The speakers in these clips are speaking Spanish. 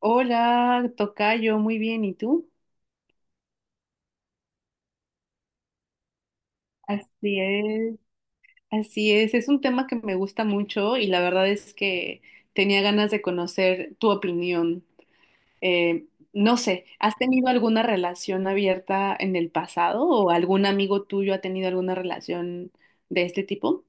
Hola, tocayo, muy bien, ¿y tú? Así es, así es un tema que me gusta mucho y la verdad es que tenía ganas de conocer tu opinión. Eh, no sé, ¿has tenido alguna relación abierta en el pasado o algún amigo tuyo ha tenido alguna relación de este tipo?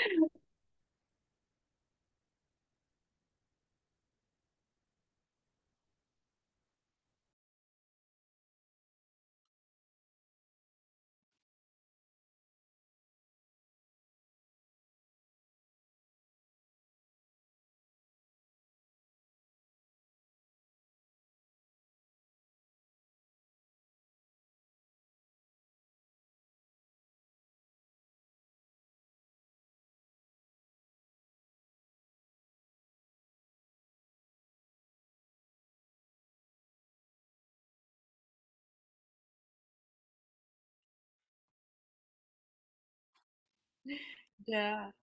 Ya.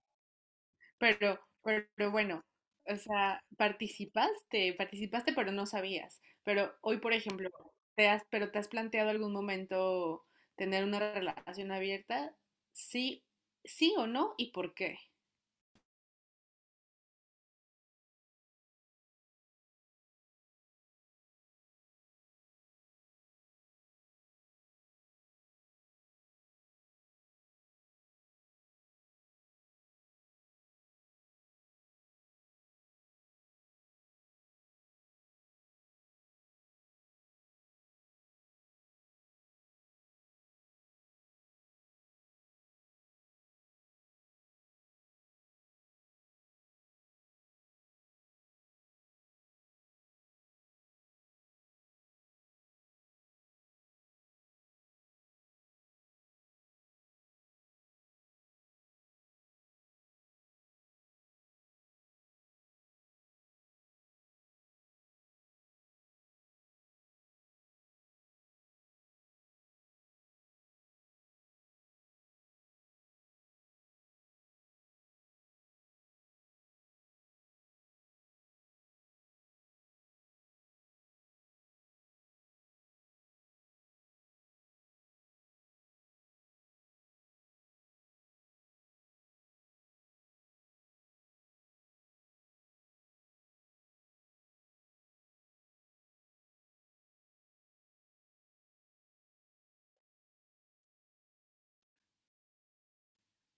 Pero bueno, o sea, participaste, pero no sabías. Pero hoy, por ejemplo, te has, pero te has planteado algún momento tener una relación abierta, sí, sí o no, y por qué.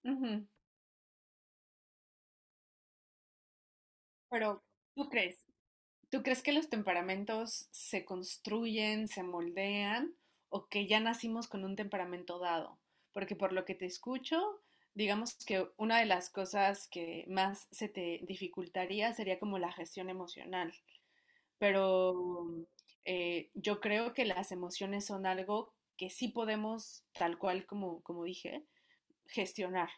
Ujú. Pero ¿tú crees? ¿Tú crees que los temperamentos se construyen, se moldean, o que ya nacimos con un temperamento dado? Porque por lo que te escucho, digamos que una de las cosas que más se te dificultaría sería como la gestión emocional. Pero yo creo que las emociones son algo que sí podemos, tal cual como, como dije, gestionar,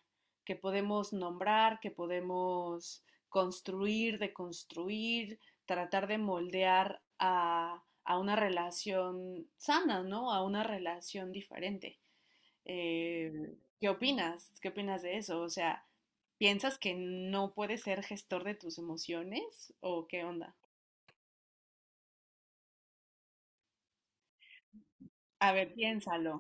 que podemos nombrar, que podemos construir, deconstruir, tratar de moldear a una relación sana, ¿no? A una relación diferente. Eh, ¿Qué opinas? ¿Qué opinas de eso? O sea, ¿piensas que no puedes ser gestor de tus emociones? ¿O qué onda? A ver, piénsalo.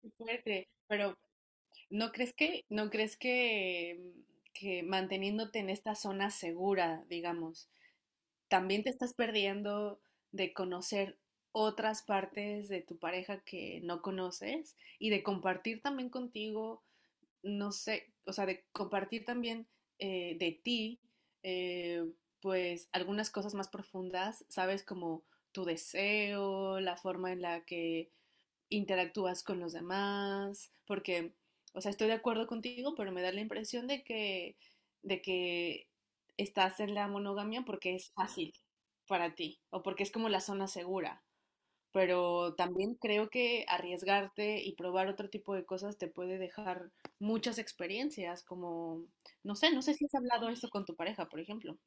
Qué fuerte. Pero ¿no crees que, no crees que manteniéndote en esta zona segura, digamos, también te estás perdiendo de conocer otras partes de tu pareja que no conoces y de compartir también contigo, no sé, o sea, de compartir también de ti, eh, pues algunas cosas más profundas, sabes, como tu deseo, la forma en la que interactúas con los demás, porque, o sea, estoy de acuerdo contigo, pero me da la impresión de que estás en la monogamia porque es fácil para ti o porque es como la zona segura. Pero también creo que arriesgarte y probar otro tipo de cosas te puede dejar muchas experiencias, como, no sé, no sé si has hablado esto con tu pareja, por ejemplo.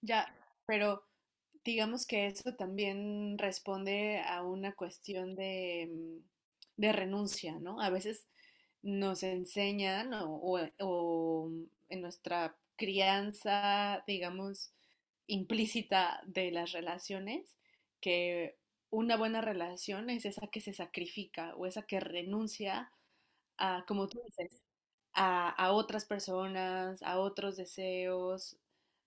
Ya, pero digamos que eso también responde a una cuestión de, mm, de renuncia, ¿no? A veces nos enseñan o mm, en nuestra crianza, digamos, implícita de las relaciones, que una buena relación es esa que se sacrifica o esa que renuncia a, como tú dices, a otras personas, a otros deseos,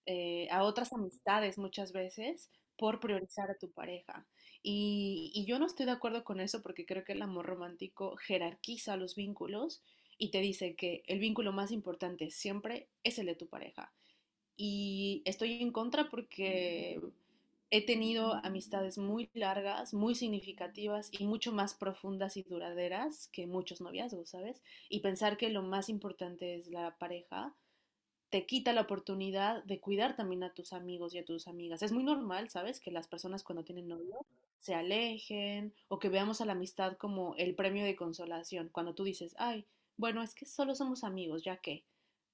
a otras amistades muchas veces por priorizar a tu pareja. Y yo no estoy de acuerdo con eso porque creo que el amor romántico jerarquiza los vínculos y te dice que el vínculo más importante siempre es el de tu pareja y estoy en contra porque he tenido amistades muy largas, muy significativas y mucho más profundas y duraderas que muchos noviazgos, ¿sabes? Y pensar que lo más importante es la pareja te quita la oportunidad de cuidar también a tus amigos y a tus amigas. Es muy normal, ¿sabes? Que las personas cuando tienen novio se alejen o que veamos a la amistad como el premio de consolación. Cuando tú dices, ay, bueno, es que solo somos amigos, ya que,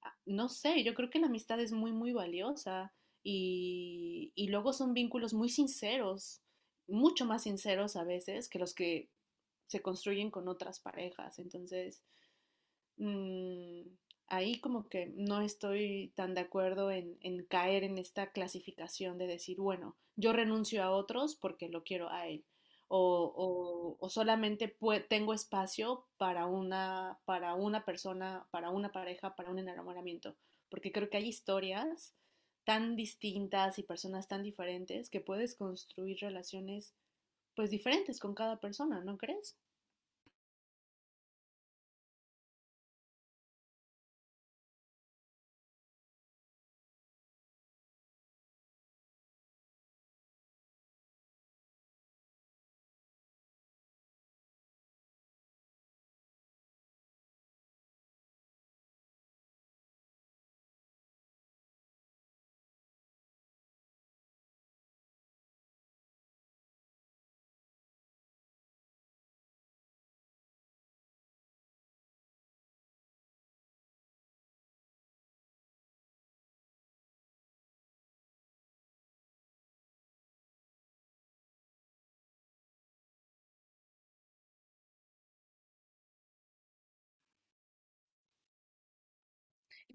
ah, no sé, yo creo que la amistad es muy, muy valiosa y luego son vínculos muy sinceros, mucho más sinceros a veces que los que se construyen con otras parejas. Entonces mm, ahí como que no estoy tan de acuerdo en caer en esta clasificación de decir, bueno, yo renuncio a otros porque lo quiero a él. O solamente pue- tengo espacio para una persona, para una pareja, para un enamoramiento. Porque creo que hay historias tan distintas y personas tan diferentes que puedes construir relaciones pues diferentes con cada persona, ¿no crees?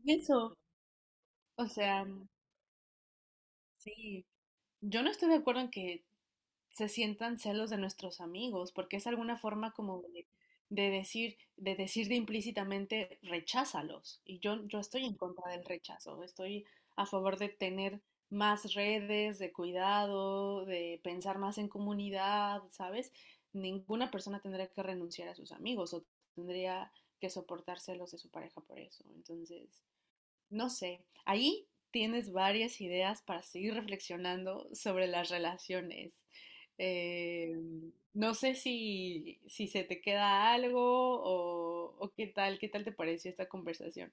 Y eso, o sea, sí. Yo no estoy de acuerdo en que se sientan celos de nuestros amigos, porque es alguna forma como de decir, de decir de implícitamente, recházalos. Y yo estoy en contra del rechazo, estoy a favor de tener más redes, de cuidado, de pensar más en comunidad, ¿sabes? Ninguna persona tendría que renunciar a sus amigos o tendría que soportar celos de su pareja por eso. Entonces, no sé, ahí tienes varias ideas para seguir reflexionando sobre las relaciones. Eh, no sé si, si se te queda algo o qué tal te pareció esta conversación.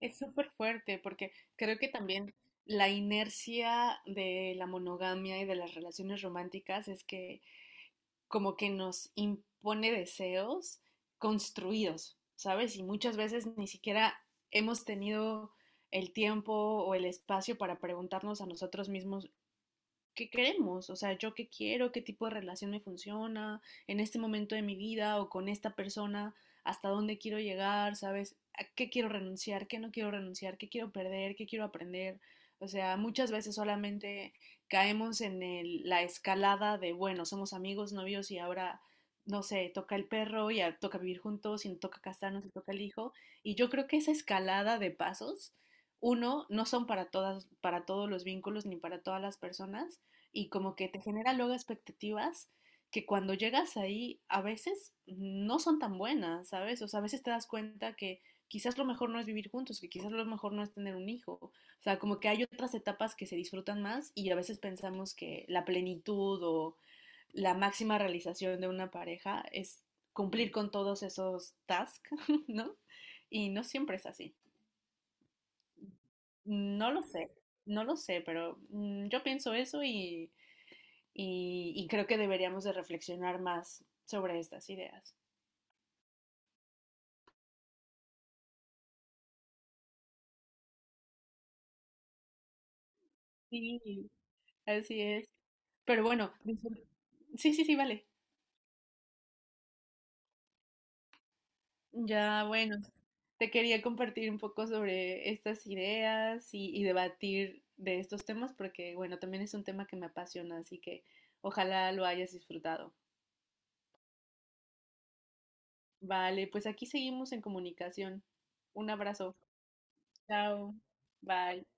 Es súper fuerte porque creo que también la inercia de la monogamia y de las relaciones románticas es que como que nos impone deseos construidos, ¿sabes? Y muchas veces ni siquiera hemos tenido el tiempo o el espacio para preguntarnos a nosotros mismos qué queremos, o sea, yo qué quiero, qué tipo de relación me funciona en este momento de mi vida o con esta persona, hasta dónde quiero llegar, ¿sabes? ¿A qué quiero renunciar, qué no quiero renunciar, qué quiero perder, qué quiero aprender? O sea, muchas veces solamente caemos en el, la escalada de, bueno, somos amigos, novios y ahora, no sé, toca el perro y a- toca vivir juntos y toca casarnos y toca el hijo. Y yo creo que esa escalada de pasos, uno, no son para todas, para todos los vínculos ni para todas las personas y como que te genera luego expectativas que cuando llegas ahí a veces no son tan buenas, ¿sabes? O sea, a veces te das cuenta que quizás lo mejor no es vivir juntos, que quizás lo mejor no es tener un hijo. O sea, como que hay otras etapas que se disfrutan más y a veces pensamos que la plenitud o la máxima realización de una pareja es cumplir con todos esos tasks, ¿no? Y no siempre es así. No lo sé, no lo sé, pero mm, yo pienso eso y y creo que deberíamos de reflexionar más sobre estas ideas. Sí, así es. Pero bueno, disfr- sí, sí, sí, vale. Ya, bueno, te quería compartir un poco sobre estas ideas y debatir de estos temas porque, bueno, también es un tema que me apasiona, así que ojalá lo hayas disfrutado. Vale, pues aquí seguimos en comunicación. Un abrazo. Chao. Bye.